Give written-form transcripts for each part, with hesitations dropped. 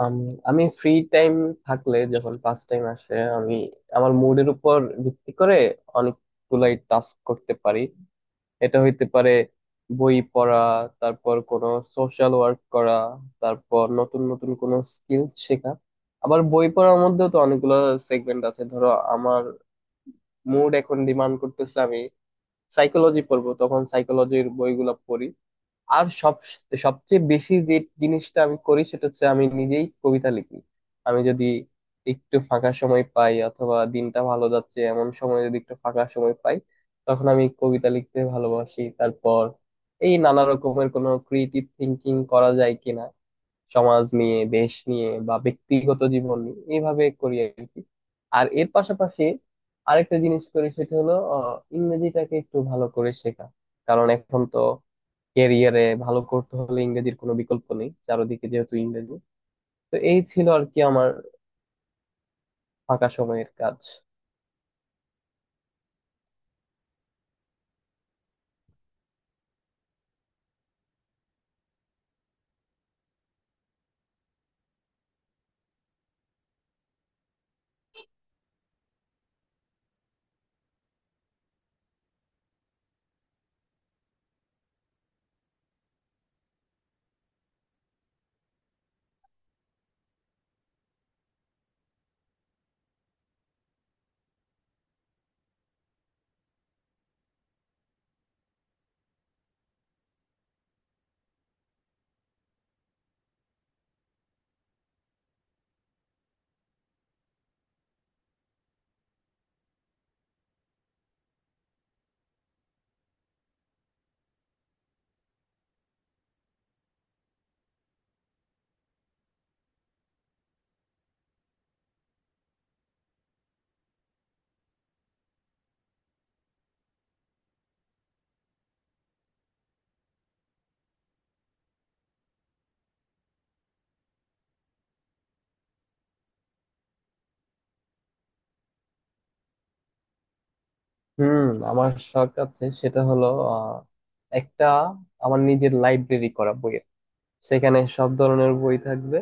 আম, আমি free time থাকলে যখন পাস টাইম আসে, আমি আমার মুডের উপর ভিত্তি করে অনেকগুলাই টাস্ক করতে পারি। এটা হইতে পারে বই পড়া, তারপর কোনো সোশ্যাল ওয়ার্ক করা, তারপর নতুন নতুন কোনো স্কিল শেখা। আবার বই পড়ার মধ্যেও তো অনেকগুলো সেগমেন্ট আছে। ধরো, আমার মুড এখন ডিমান্ড করতেছে আমি সাইকোলজি পড়বো, তখন সাইকোলজির বইগুলো পড়ি। আর সবচেয়ে বেশি যে জিনিসটা আমি করি সেটা হচ্ছে আমি নিজেই কবিতা লিখি। আমি যদি একটু ফাঁকা সময় পাই অথবা দিনটা ভালো যাচ্ছে এমন সময় যদি একটু ফাঁকা সময় পাই, তখন আমি কবিতা লিখতে ভালোবাসি। তারপর এই নানা রকমের কোনো ক্রিয়েটিভ থিঙ্কিং করা যায় কিনা, সমাজ নিয়ে দেশ নিয়ে বা ব্যক্তিগত জীবন নিয়ে, এইভাবে করি আর কি। আর এর পাশাপাশি আরেকটা জিনিস করি সেটা হলো ইংরেজিটাকে একটু ভালো করে শেখা। কারণ এখন তো ক্যারিয়ারে ভালো করতে হলে ইংরেজির কোনো বিকল্প নেই, চারদিকে যেহেতু ইংরেজি। তো এই ছিল আর কি আমার ফাঁকা সময়ের কাজ। হুম, আমার শখ আছে সেটা হলো আহ, একটা আমার নিজের লাইব্রেরি করা, বইয়ের, সেখানে সব ধরনের বই থাকবে।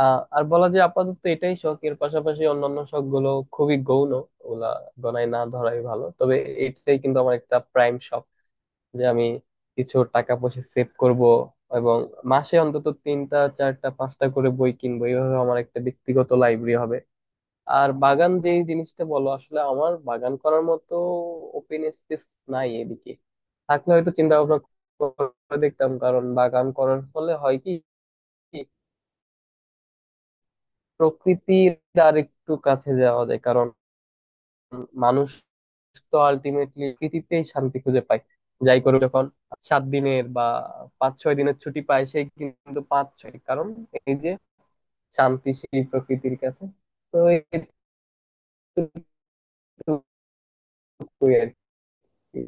আর বলা যায় আপাতত এটাই শখ। এর পাশাপাশি অন্যান্য শখ গুলো খুবই গৌণ, ওগুলা গণায় না ধরাই ভালো। তবে এটাই কিন্তু আমার একটা প্রাইম শখ, যে আমি কিছু টাকা পয়সা সেভ করব এবং মাসে অন্তত তিনটা চারটা পাঁচটা করে বই কিনবো, এইভাবে আমার একটা ব্যক্তিগত লাইব্রেরি হবে। আর বাগান যে জিনিসটা বলো, আসলে আমার বাগান করার মতো ওপেন স্পেস নাই এদিকে। থাকলে হয়তো চিন্তা ভাবনা করে দেখতাম। কারণ বাগান করার ফলে হয় কি, প্রকৃতির আর একটু কাছে যাওয়া যায়। কারণ মানুষ তো আলটিমেটলি পৃথিবীতেই শান্তি খুঁজে পায়। যাই করুক, যখন 7 দিনের বা 5-6 দিনের ছুটি পায়, সেই কিন্তু পাঁচ ছয় কারণ এই যে শান্তি সেই প্রকৃতির কাছে। তো এটুকুই আর কি।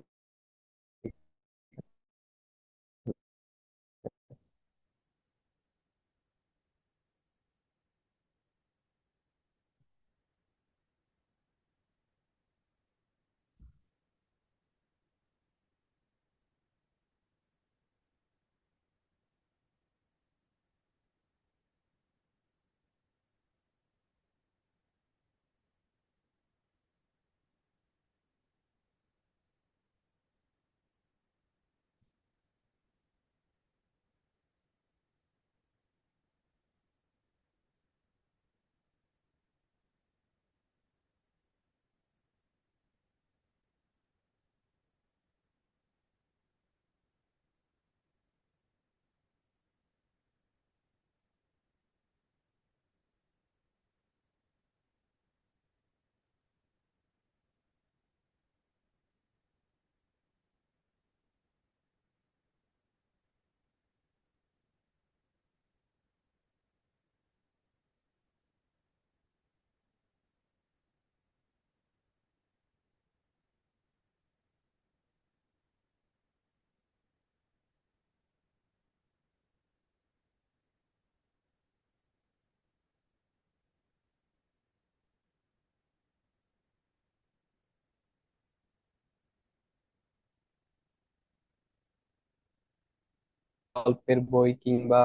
গল্পের বই কিংবা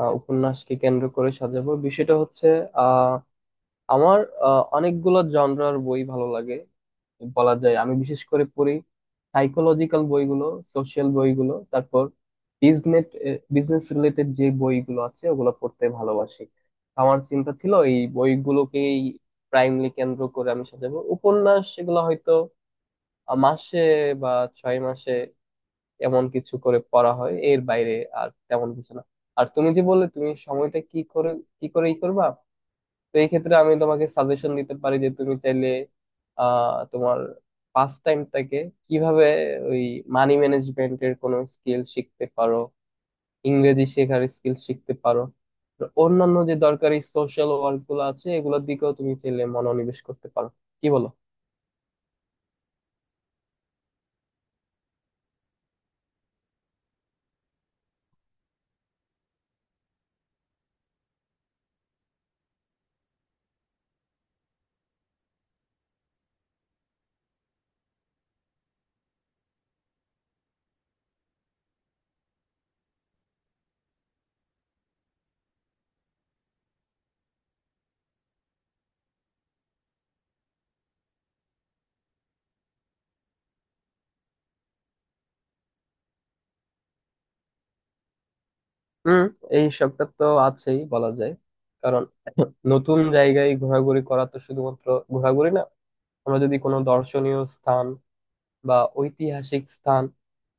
উপন্যাসকে কেন্দ্র করে সাজাবো। বিষয়টা হচ্ছে আহ আমার অনেকগুলো জনরার বই ভালো লাগে। বলা যায় আমি বিশেষ করে পড়ি সাইকোলজিক্যাল বইগুলো, সোশ্যাল বইগুলো, তারপর বিজনেস বিজনেস রিলেটেড যে বইগুলো আছে ওগুলো পড়তে ভালোবাসি। আমার চিন্তা ছিল এই বইগুলোকেই প্রাইমলি কেন্দ্র করে আমি সাজাবো। উপন্যাস এগুলো হয়তো মাসে বা 6 মাসে এমন কিছু করে পড়া হয়, এর বাইরে আর তেমন কিছু না। আর তুমি যে বললে তুমি সময়টা কি করে ই করবা, তো এই ক্ষেত্রে আমি তোমাকে সাজেশন দিতে পারি যে তুমি চাইলে তোমার পাস টাইমটাকে কিভাবে, ওই মানি ম্যানেজমেন্টের কোনো স্কিল শিখতে পারো, ইংরেজি শেখার স্কিল শিখতে পারো, তো অন্যান্য যে দরকারি সোশ্যাল ওয়ার্ক গুলো আছে এগুলোর দিকেও তুমি চাইলে মনোনিবেশ করতে পারো। কি বলো? হুম, এই সবটা তো আছেই বলা যায়। কারণ নতুন জায়গায় ঘোরাঘুরি করা তো শুধুমাত্র ঘোরাঘুরি না। আমরা যদি কোনো দর্শনীয় স্থান বা ঐতিহাসিক স্থান,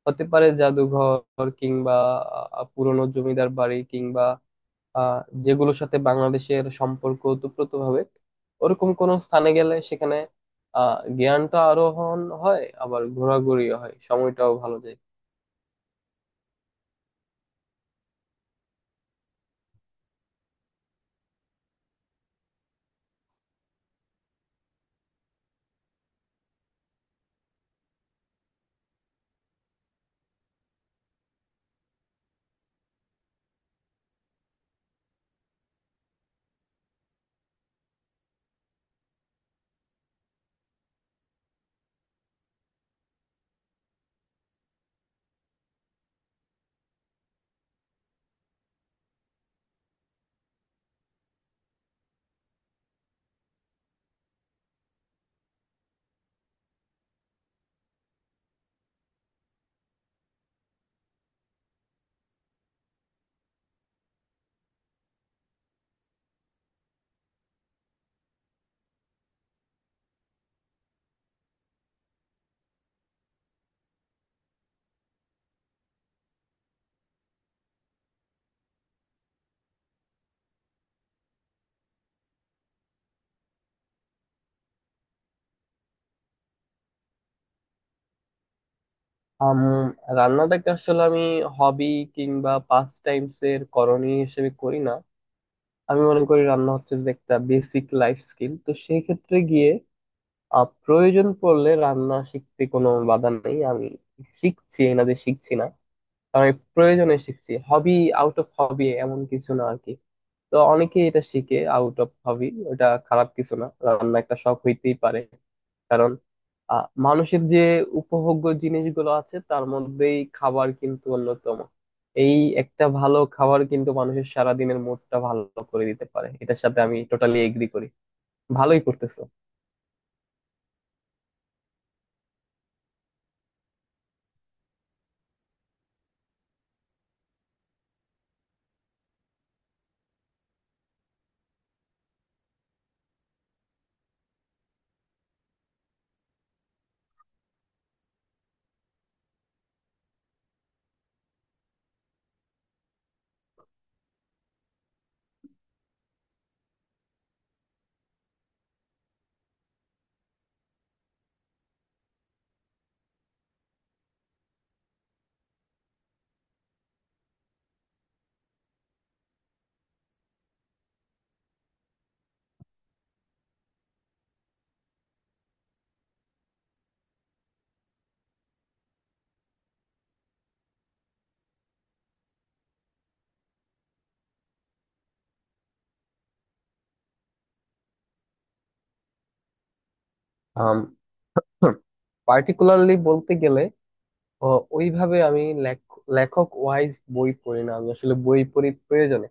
হতে পারে জাদুঘর কিংবা পুরনো জমিদার বাড়ি কিংবা আহ, যেগুলোর সাথে বাংলাদেশের সম্পর্ক ওতপ্রোতভাবে, ওরকম কোনো স্থানে গেলে সেখানে জ্ঞানটা আরোহণ হয়, আবার ঘোরাঘুরিও হয়, সময়টাও ভালো যায়। আম রান্নাটাকে আসলে আমি হবি কিংবা পাস টাইমস এর করণীয় হিসেবে করি না। আমি মনে করি রান্না হচ্ছে যে একটা বেসিক লাইফ স্কিল, তো সেই ক্ষেত্রে গিয়ে প্রয়োজন পড়লে রান্না শিখতে কোনো বাধা নেই। আমি শিখছি, এই না যে শিখছি না। কারণ আমি প্রয়োজনে শিখছি, হবি আউট অফ হবি এমন কিছু না আর কি। তো অনেকেই এটা শিখে আউট অফ হবি, ওটা খারাপ কিছু না, রান্না একটা শখ হইতেই পারে। কারণ মানুষের যে উপভোগ্য জিনিসগুলো আছে তার মধ্যেই খাবার কিন্তু অন্যতম। এই একটা ভালো খাবার কিন্তু মানুষের সারাদিনের মুডটা ভালো করে দিতে পারে, এটার সাথে আমি টোটালি এগ্রি করি। ভালোই করতেছো। আম, পার্টিকুলারলি বলতে গেলে, ও, ওইভাবে আমি লেখক ওয়াইজ বই পড়ি না। আমি আসলে বই পড়ি প্রয়োজনে।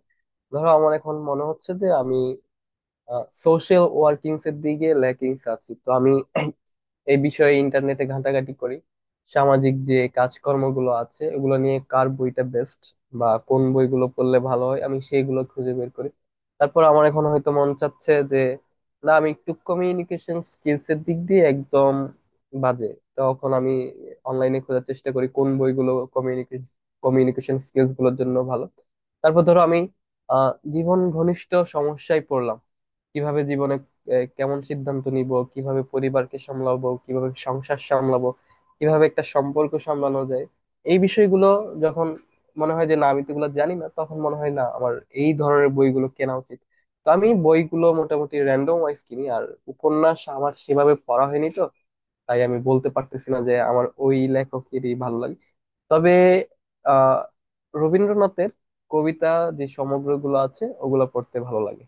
ধরো আমার এখন মনে হচ্ছে যে আমি সোশ্যাল ওয়ার্কিংস এর দিকে ল্যাকিংস আছি, তো আমি এই বিষয়ে ইন্টারনেটে ঘাটাঘাটি করি। সামাজিক যে কাজকর্মগুলো আছে ওগুলো নিয়ে কার বইটা বেস্ট বা কোন বইগুলো পড়লে ভালো হয়, আমি সেইগুলো খুঁজে বের করি। তারপর আমার এখন হয়তো মন চাচ্ছে যে না, আমি একটু কমিউনিকেশন স্কিলস এর দিক দিয়ে একদম বাজে, তখন আমি অনলাইনে খোঁজার চেষ্টা করি কোন বইগুলো কমিউনিকেশন কমিউনিকেশন স্কিলস গুলোর জন্য ভালো। তারপর ধরো আমি আহ জীবন ঘনিষ্ঠ সমস্যায় পড়লাম। কিভাবে জীবনে কেমন সিদ্ধান্ত নিব, কিভাবে পরিবারকে সামলাবো, কিভাবে সংসার সামলাবো, কিভাবে একটা সম্পর্ক সামলানো যায়, এই বিষয়গুলো যখন মনে হয় যে না আমি তো এগুলো জানি না, তখন মনে হয় না আমার এই ধরনের বইগুলো কেনা উচিত। তো আমি বইগুলো মোটামুটি র্যান্ডম ওয়াইজ কিনি। আর উপন্যাস আমার সেভাবে পড়া হয়নি, তো তাই আমি বলতে পারতেছি না যে আমার ওই লেখকেরই ভালো লাগে। তবে আহ রবীন্দ্রনাথের কবিতা যে সমগ্রগুলো আছে ওগুলা পড়তে ভালো লাগে।